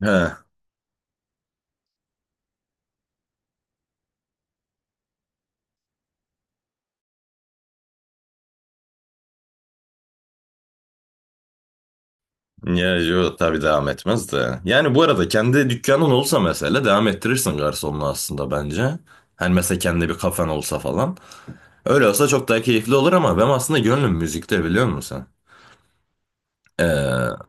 He. Ya yo tabii devam etmez de. Yani bu arada kendi dükkanın olsa mesela devam ettirirsin garsonluğu aslında bence. Hani mesela kendi bir kafen olsa falan. Öyle olsa çok daha keyifli olur ama ben aslında gönlüm müzikte biliyor musun? Ee,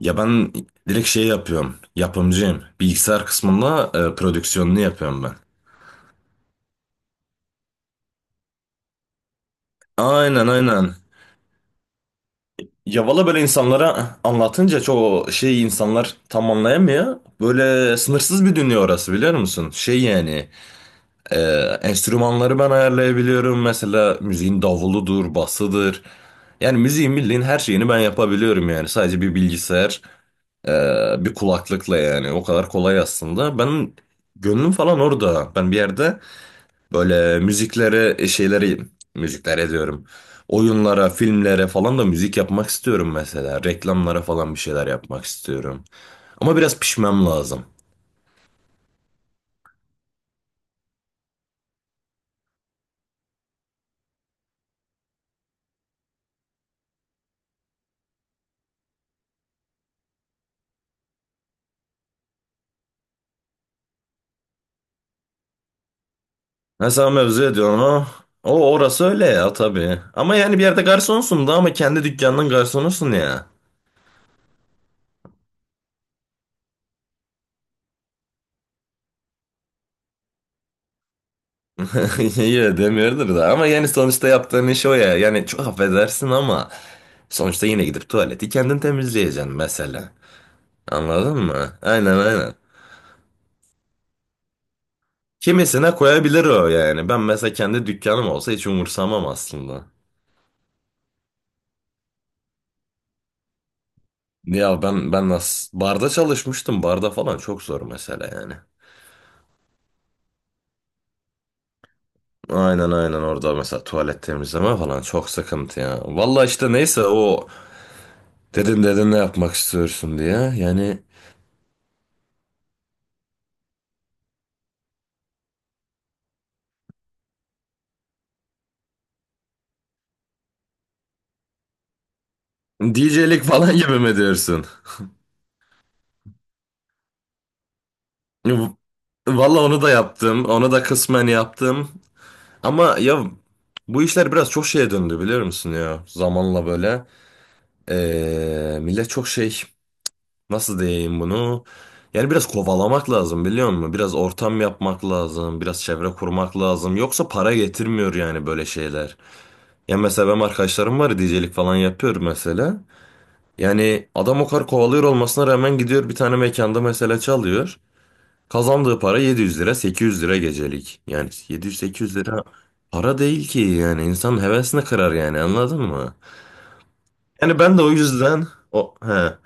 Ya ben direkt şey yapıyorum. Yapımcıyım. Bilgisayar kısmında prodüksiyonunu yapıyorum ben. Aynen aynen. Ya valla böyle insanlara anlatınca çoğu şey insanlar tam anlayamıyor. Böyle sınırsız bir dünya orası biliyor musun? Şey yani. Ee, Enstrümanları ben ayarlayabiliyorum. Mesela müziğin davuludur, basıdır. Yani müziğin bildiğin her şeyini ben yapabiliyorum yani. Sadece bir bilgisayar, e, bir kulaklıkla yani. O kadar kolay aslında. Ben gönlüm falan orada. Ben bir yerde böyle müziklere, şeyleri, müziklere diyorum. Oyunlara, filmlere falan da müzik yapmak istiyorum mesela. Reklamlara falan bir şeyler yapmak istiyorum. Ama biraz pişmem lazım. Mesela mevzu ediyorsun ha. Orası öyle ya tabii. Ama yani bir yerde garsonsun da ama kendi dükkanının garsonusun ya. Yine demiyordur da ama yani sonuçta yaptığın iş o ya. Yani çok affedersin ama sonuçta yine gidip tuvaleti kendin temizleyeceksin mesela. Anladın mı? Aynen aynen. Kimisine koyabilir o yani. Ben mesela kendi dükkanım olsa hiç umursamam aslında. Ya ben nasıl barda çalışmıştım. Barda falan çok zor mesela yani. Aynen aynen, orada mesela tuvalet temizleme falan çok sıkıntı ya. Valla işte neyse o dedin ne yapmak istiyorsun diye. Yani DJ'lik falan gibi mi diyorsun? Valla onu da yaptım. Onu da kısmen yaptım. Ama ya bu işler biraz çok şeye döndü biliyor musun ya? Zamanla böyle. Millet çok şey, nasıl diyeyim bunu? Yani biraz kovalamak lazım biliyor musun? Biraz ortam yapmak lazım. Biraz çevre kurmak lazım. Yoksa para getirmiyor yani böyle şeyler. Ya mesela benim arkadaşlarım var, DJ'lik falan yapıyor mesela. Yani adam o kadar kovalıyor olmasına rağmen gidiyor bir tane mekanda mesela çalıyor. Kazandığı para 700 lira, 800 lira gecelik. Yani 700 800 lira para değil ki yani insanın hevesini kırar yani anladın mı? Yani ben de o yüzden o he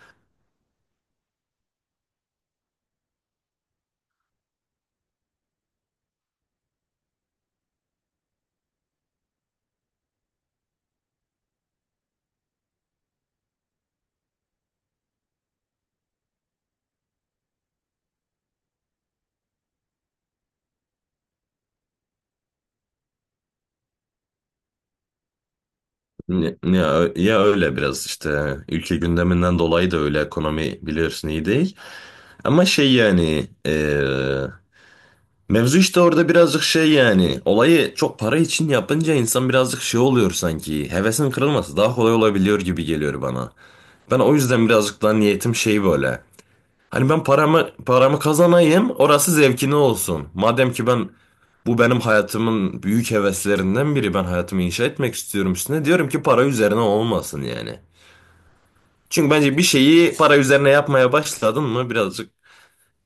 ya öyle biraz işte ülke gündeminden dolayı da, öyle ekonomi biliyorsun, iyi değil. Ama şey yani mevzu işte orada birazcık şey, yani olayı çok para için yapınca insan birazcık şey oluyor sanki, hevesin kırılması daha kolay olabiliyor gibi geliyor bana. Ben o yüzden birazcık daha niyetim şey böyle. Hani ben paramı kazanayım, orası zevkine olsun. Madem ki ben, bu benim hayatımın büyük heveslerinden biri, ben hayatımı inşa etmek istiyorum üstüne, diyorum ki para üzerine olmasın yani. Çünkü bence bir şeyi para üzerine yapmaya başladın mı birazcık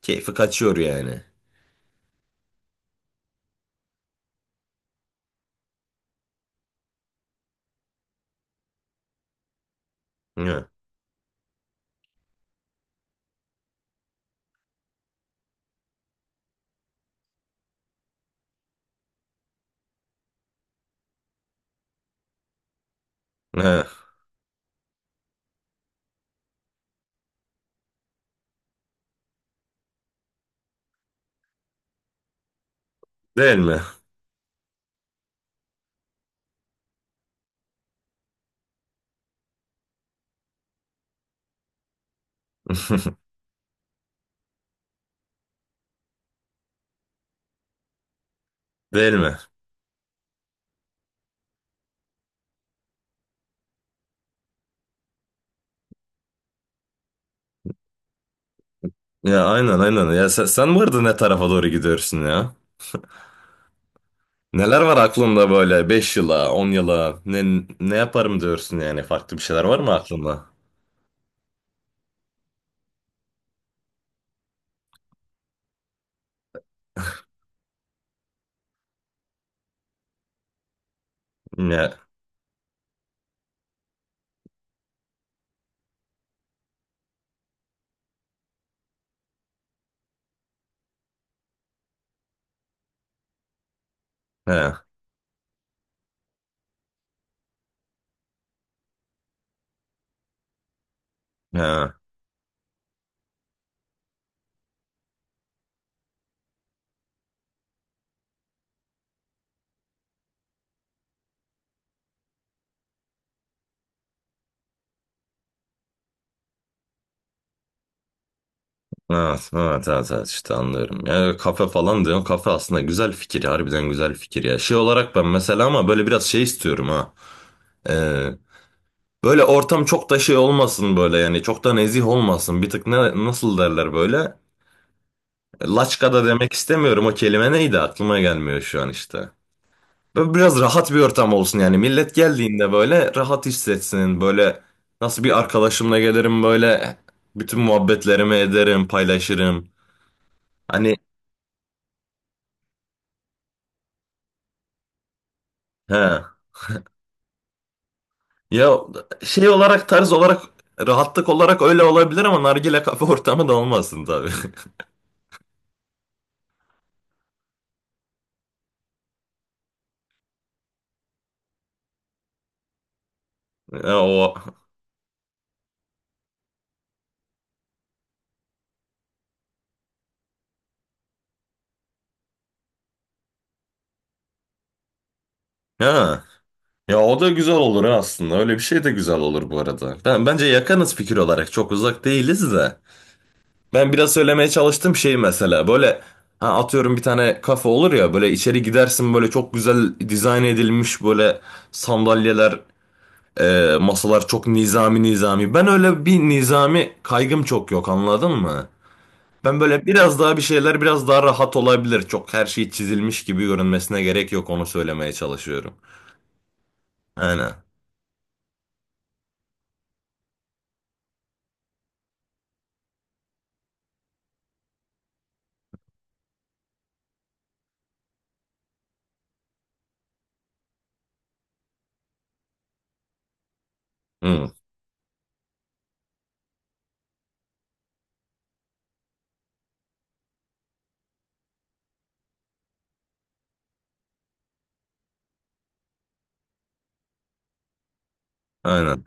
keyfi kaçıyor yani. Hı. Hı. Değil mi? Değil mi? Ya aynen aynen. Ya sen bu arada ne tarafa doğru gidiyorsun ya? Neler var aklında böyle, 5 yıla, 10 yıla ne yaparım diyorsun yani, farklı bir şeyler var mı aklında? Ya he, he. Evet, evet, evet, evet, işte anlıyorum. Ya kafe falan diyorsun. Kafe aslında güzel fikir. Harbiden güzel fikir ya. Şey olarak ben mesela, ama böyle biraz şey istiyorum ha. Ee, Böyle ortam çok da şey olmasın böyle yani. Çok da nezih olmasın. Bir tık, ne, nasıl derler böyle. Laçka da demek istemiyorum. O kelime neydi? Aklıma gelmiyor şu an işte. Böyle biraz rahat bir ortam olsun yani. Millet geldiğinde böyle rahat hissetsin. Böyle, nasıl, bir arkadaşımla gelirim böyle, bütün muhabbetlerimi ederim, paylaşırım. Hani he. Ya şey olarak, tarz olarak, rahatlık olarak öyle olabilir ama nargile kafe ortamı da olmasın tabii. Ya o ha. Ya o da güzel olur ha aslında. Öyle bir şey de güzel olur bu arada. Bence yakınız fikir olarak. Çok uzak değiliz de. Ben biraz söylemeye çalıştım şey, mesela böyle, ha atıyorum bir tane kafe olur ya, böyle içeri gidersin, böyle çok güzel dizayn edilmiş, böyle sandalyeler, masalar çok nizami nizami. Ben öyle bir nizami kaygım çok yok, anladın mı? Ben böyle biraz daha, bir şeyler biraz daha rahat olabilir. Çok her şey çizilmiş gibi görünmesine gerek yok, onu söylemeye çalışıyorum. Aynen. Hı, aynen.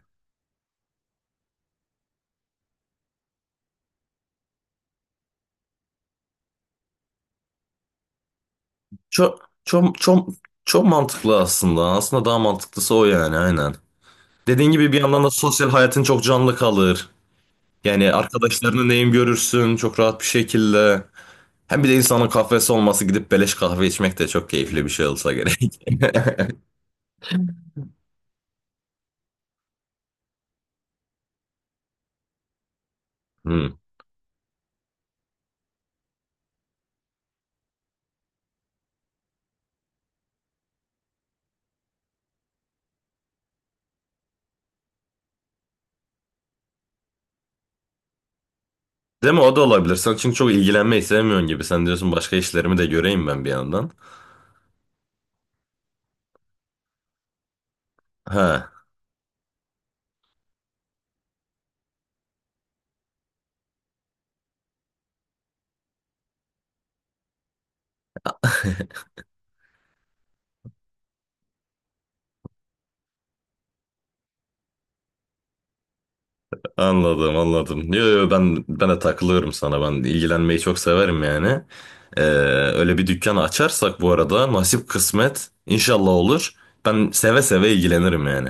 Çok çok çok çok mantıklı aslında. Aslında daha mantıklısı o yani, aynen. Dediğin gibi bir yandan da sosyal hayatın çok canlı kalır. Yani arkadaşlarını neyim görürsün çok rahat bir şekilde. Hem bir de insanın kahvesi olması, gidip beleş kahve içmek de çok keyifli bir şey olsa gerek. Hmm. Değil mi? O da olabilir. Sen çünkü çok ilgilenmeyi sevmiyorsun gibi. Sen diyorsun, başka işlerimi de göreyim ben bir yandan. Ha, anladım anladım. Yo, yo, ben de takılıyorum sana. Ben ilgilenmeyi çok severim yani. Ee, Öyle bir dükkan açarsak bu arada, nasip kısmet inşallah olur. Ben seve seve ilgilenirim yani.